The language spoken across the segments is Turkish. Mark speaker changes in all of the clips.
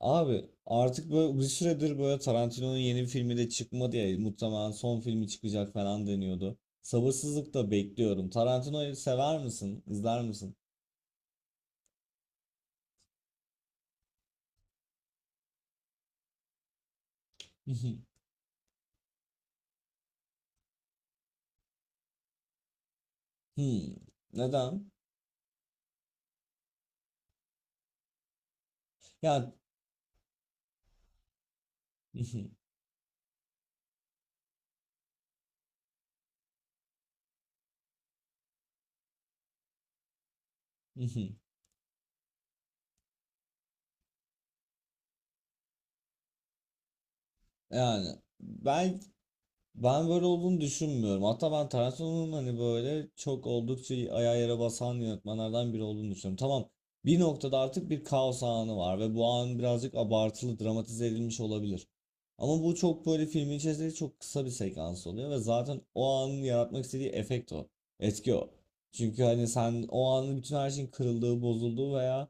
Speaker 1: Abi artık böyle bir süredir böyle Tarantino'nun yeni bir filmi de çıkmadı ya, muhtemelen son filmi çıkacak falan deniyordu. Sabırsızlıkla bekliyorum. Tarantino'yu sever misin? İzler misin? Hmm. Neden? Ya, yani Ben böyle olduğunu düşünmüyorum. Hatta ben Tarantino'nun hani böyle çok oldukça ayağa yere basan yönetmenlerden biri olduğunu düşünüyorum. Tamam, bir noktada artık bir kaos anı var ve bu an birazcık abartılı dramatize edilmiş olabilir. Ama bu çok böyle filmin içerisinde çok kısa bir sekans oluyor ve zaten o anın yaratmak istediği efekt o. Etki o. Çünkü hani sen o anın bütün her şeyin kırıldığı, bozulduğu veya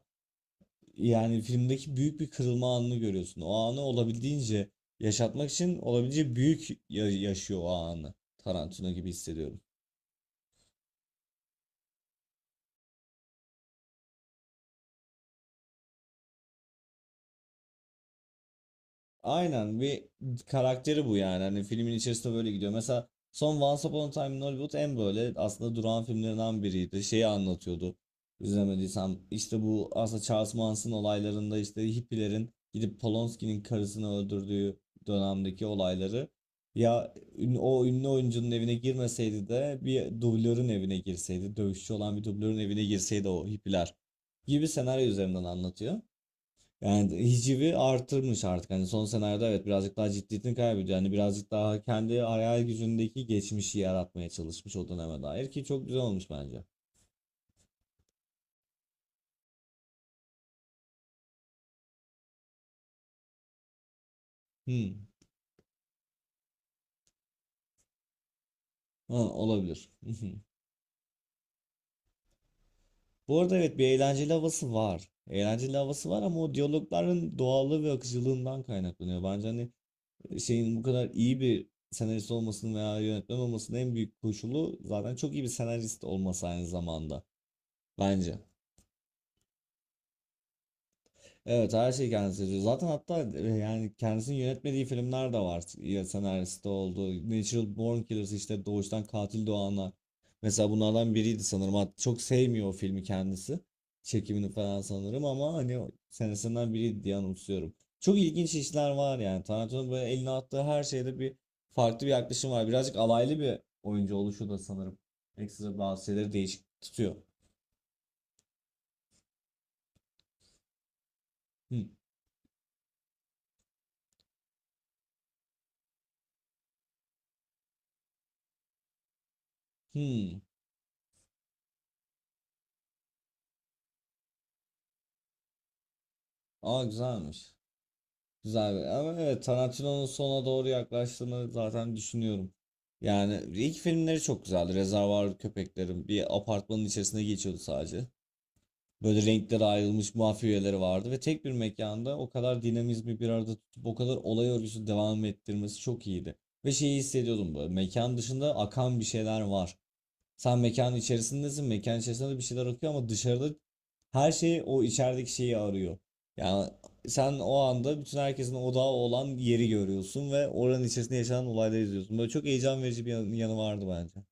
Speaker 1: yani filmdeki büyük bir kırılma anını görüyorsun. O anı olabildiğince yaşatmak için olabildiğince büyük yaşıyor o anı. Tarantino gibi hissediyorum. Aynen, bir karakteri bu yani. Hani filmin içerisinde böyle gidiyor. Mesela son Once Upon a Time in Hollywood en böyle aslında duran filmlerinden biriydi. Şeyi anlatıyordu. İzlemediysem işte bu aslında Charles Manson olaylarında işte hippilerin gidip Polonsky'nin karısını öldürdüğü dönemdeki olayları. Ya o ünlü oyuncunun evine girmeseydi de bir dublörün evine girseydi, dövüşçü olan bir dublörün evine girseydi o hippiler gibi senaryo üzerinden anlatıyor. Yani hicivi artırmış artık. Hani son senaryoda evet birazcık daha ciddiyetini kaybediyor. Yani birazcık daha kendi hayal gücündeki geçmişi yaratmaya çalışmış o döneme dair ki çok güzel olmuş bence. Hmm. Ha, olabilir. Bu arada evet bir eğlenceli havası var. Eğlenceli havası var ama o diyalogların doğallığı ve akıcılığından kaynaklanıyor. Bence hani şeyin bu kadar iyi bir senarist olmasının veya yönetmen olmasının en büyük koşulu zaten çok iyi bir senarist olması aynı zamanda. Bence. Evet, her şeyi kendisi yazıyor. Zaten hatta yani kendisinin yönetmediği filmler de var. Ya senaristi oldu. Natural Born Killers, işte doğuştan katil doğanlar. Mesela bunlardan biriydi sanırım. Çok sevmiyor o filmi kendisi. Çekimini falan sanırım, ama hani o senesinden biriydi diye anımsıyorum. Çok ilginç işler var yani. Tarantino'nun böyle eline attığı her şeyde bir farklı bir yaklaşım var. Birazcık alaylı bir oyuncu oluşu da sanırım. Ekstra bazı şeyleri değişik tutuyor. Hmm. Hmm. Aa, güzelmiş. Ama evet, Tarantino'nun sona doğru yaklaştığını zaten düşünüyorum. Yani ilk filmleri çok güzeldi. Rezervuar Köpeklerim bir apartmanın içerisinde geçiyordu sadece. Böyle renklere ayrılmış mafya üyeleri vardı ve tek bir mekanda o kadar dinamizmi bir arada tutup o kadar olay örgüsü devam ettirmesi çok iyiydi. Ve şeyi hissediyordum, böyle mekan dışında akan bir şeyler var. Sen mekanın içerisindesin. Mekanın içerisinde de bir şeyler akıyor ama dışarıda her şey o içerideki şeyi arıyor. Yani sen o anda bütün herkesin odağı olan yeri görüyorsun ve oranın içerisinde yaşanan olayları izliyorsun. Böyle çok heyecan verici bir yanı vardı bence.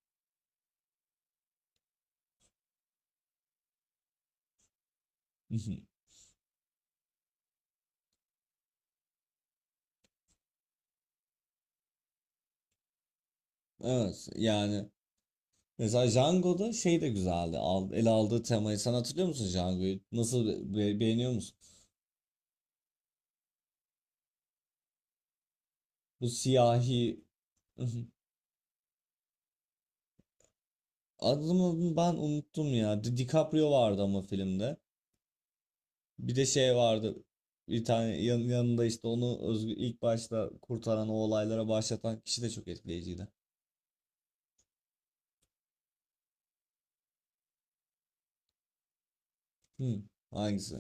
Speaker 1: Evet yani mesela Django'da şey de güzeldi. Al, ele aldığı temayı. Sen hatırlıyor musun Django'yu? Nasıl, beğeniyor musun? Bu siyahi. Adını ben unuttum ya. DiCaprio vardı ama filmde. Bir de şey vardı. Bir tane yanında işte onu özgü, ilk başta kurtaran o olaylara başlatan kişi de çok etkileyiciydi. Hmm, hangisi?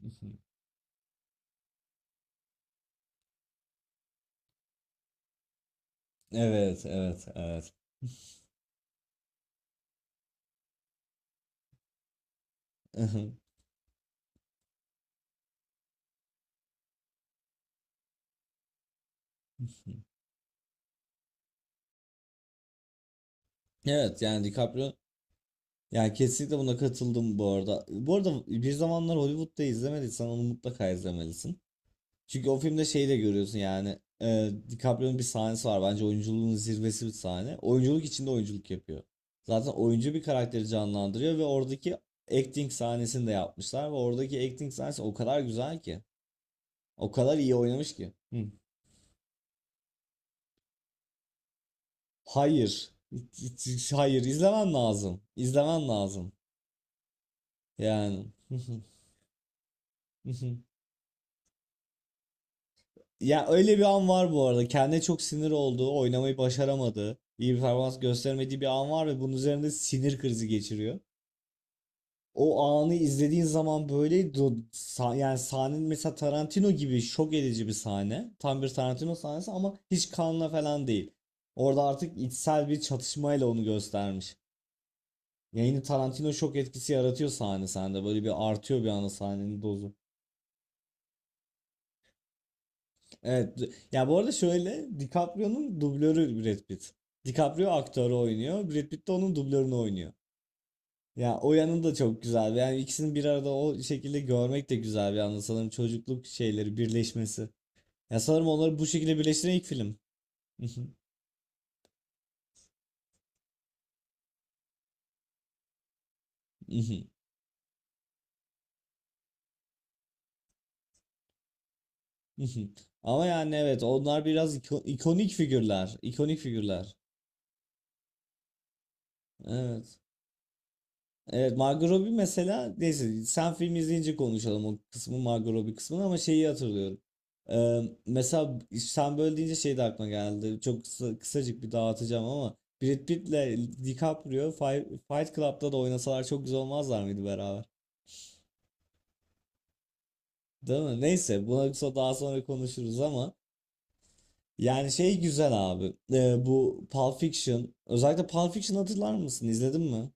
Speaker 1: Evet, evet, evet. Evet yani DiCaprio, yani kesinlikle buna katıldım bu arada. Bu arada bir zamanlar Hollywood'da izlemediysen onu mutlaka izlemelisin. Çünkü o filmde şeyi de görüyorsun yani. DiCaprio'nun bir sahnesi var. Bence oyunculuğun zirvesi bir sahne. Oyunculuk içinde oyunculuk yapıyor. Zaten oyuncu bir karakteri canlandırıyor ve oradaki acting sahnesini de yapmışlar ve oradaki acting sahnesi o kadar güzel ki. O kadar iyi oynamış ki. Hı. Hayır. Hayır, izlemen lazım. İzlemen lazım. Yani. Ya öyle bir an var bu arada. Kendine çok sinir olduğu, oynamayı başaramadığı, iyi bir performans gösteremediği bir an var ve bunun üzerinde sinir krizi geçiriyor. O anı izlediğin zaman böyle yani sahnenin, mesela Tarantino gibi şok edici bir sahne. Tam bir Tarantino sahnesi ama hiç kanla falan değil. Orada artık içsel bir çatışmayla onu göstermiş. Yayını Tarantino şok etkisi yaratıyor sahne sende. Böyle bir artıyor bir anda sahnenin dozu. Evet. Ya bu arada şöyle, DiCaprio'nun dublörü Brad Pitt. DiCaprio aktörü oynuyor. Brad Pitt de onun dublörünü oynuyor. Ya o yanı da çok güzel. Yani ikisini bir arada o şekilde görmek de güzel bir anda. Sanırım çocukluk şeyleri birleşmesi. Ya sanırım onları bu şekilde birleştiren ilk film. Ama yani evet onlar biraz ikonik figürler. İkonik figürler. Evet. Evet, Margot Robbie mesela, neyse sen film izleyince konuşalım o kısmı, Margot Robbie kısmını, ama şeyi hatırlıyorum. Mesela sen böyle deyince şey de aklıma geldi. Çok kısa, kısacık bir dağıtacağım ama Brad Pitt'le DiCaprio Fight Club'da da oynasalar çok güzel olmazlar mıydı beraber? Değil mi? Neyse buna daha sonra konuşuruz ama yani şey güzel abi. Bu Pulp Fiction, özellikle Pulp Fiction, hatırlar mısın? İzledin mi?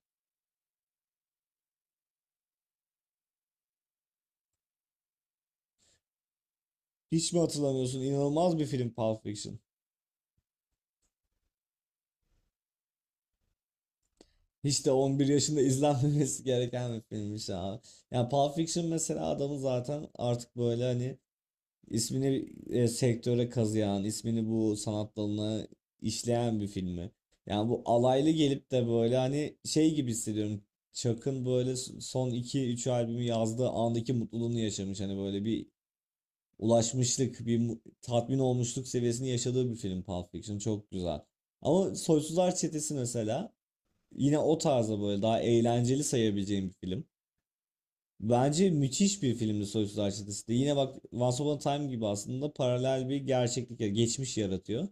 Speaker 1: Hiç mi hatırlamıyorsun? İnanılmaz bir film Pulp Fiction. Hiç de 11 yaşında izlenmemesi gereken bir filmmiş abi. Yani Pulp Fiction mesela adamı zaten artık böyle, hani ismini sektöre kazıyan, ismini bu sanat dalına işleyen bir filmi. Yani bu alaylı gelip de böyle hani şey gibi hissediyorum. Chuck'ın böyle son iki üç albümü yazdığı andaki mutluluğunu yaşamış. Hani böyle bir ulaşmışlık, bir tatmin olmuşluk seviyesini yaşadığı bir film Pulp Fiction. Çok güzel. Ama Soysuzlar Çetesi mesela, yine o tarzda böyle daha eğlenceli sayabileceğim bir film. Bence müthiş bir filmdi Soysuz Arşidesi de. Yine bak, Once Upon a Time gibi aslında paralel bir gerçeklik, geçmiş yaratıyor.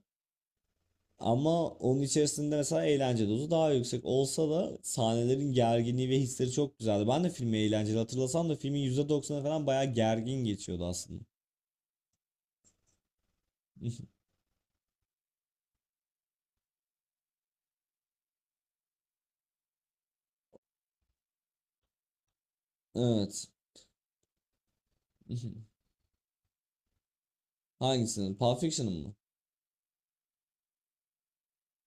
Speaker 1: Ama onun içerisinde mesela eğlence dozu daha yüksek olsa da sahnelerin gerginliği ve hisleri çok güzeldi. Ben de filmi eğlenceli hatırlasam da filmin %90'ı falan bayağı gergin geçiyordu aslında. Evet. Hangisini? Pulp Fiction'ın mı?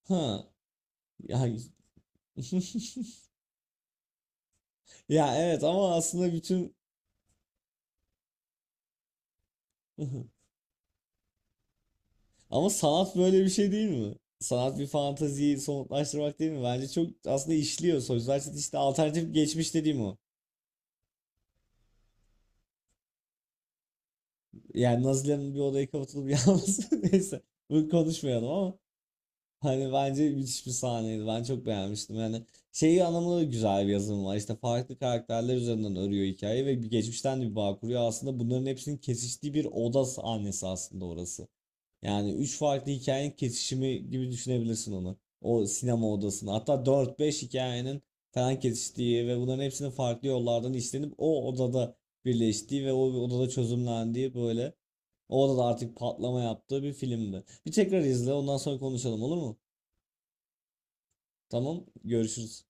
Speaker 1: Ha. Ya, ya evet ama aslında bütün. Ama sanat böyle bir şey değil mi? Sanat bir fantaziyi somutlaştırmak değil mi? Bence çok aslında işliyor. Sözler işte alternatif geçmiş dediğim o. Yani Nazilerin bir odaya kapatılıp yalnız neyse, bunu konuşmayalım ama hani bence müthiş bir sahneydi. Ben çok beğenmiştim. Yani şeyi anlamında da güzel bir yazım var. İşte farklı karakterler üzerinden örüyor hikayeyi ve bir geçmişten de bir bağ kuruyor. Aslında bunların hepsinin kesiştiği bir oda sahnesi aslında orası. Yani üç farklı hikayenin kesişimi gibi düşünebilirsin onu. O sinema odasını. Hatta dört, beş hikayenin falan kesiştiği ve bunların hepsinin farklı yollardan işlenip o odada birleştiği ve o odada çözümlendiği, böyle o odada artık patlama yaptığı bir filmdi. Bir tekrar izle ondan sonra konuşalım, olur mu? Tamam, görüşürüz.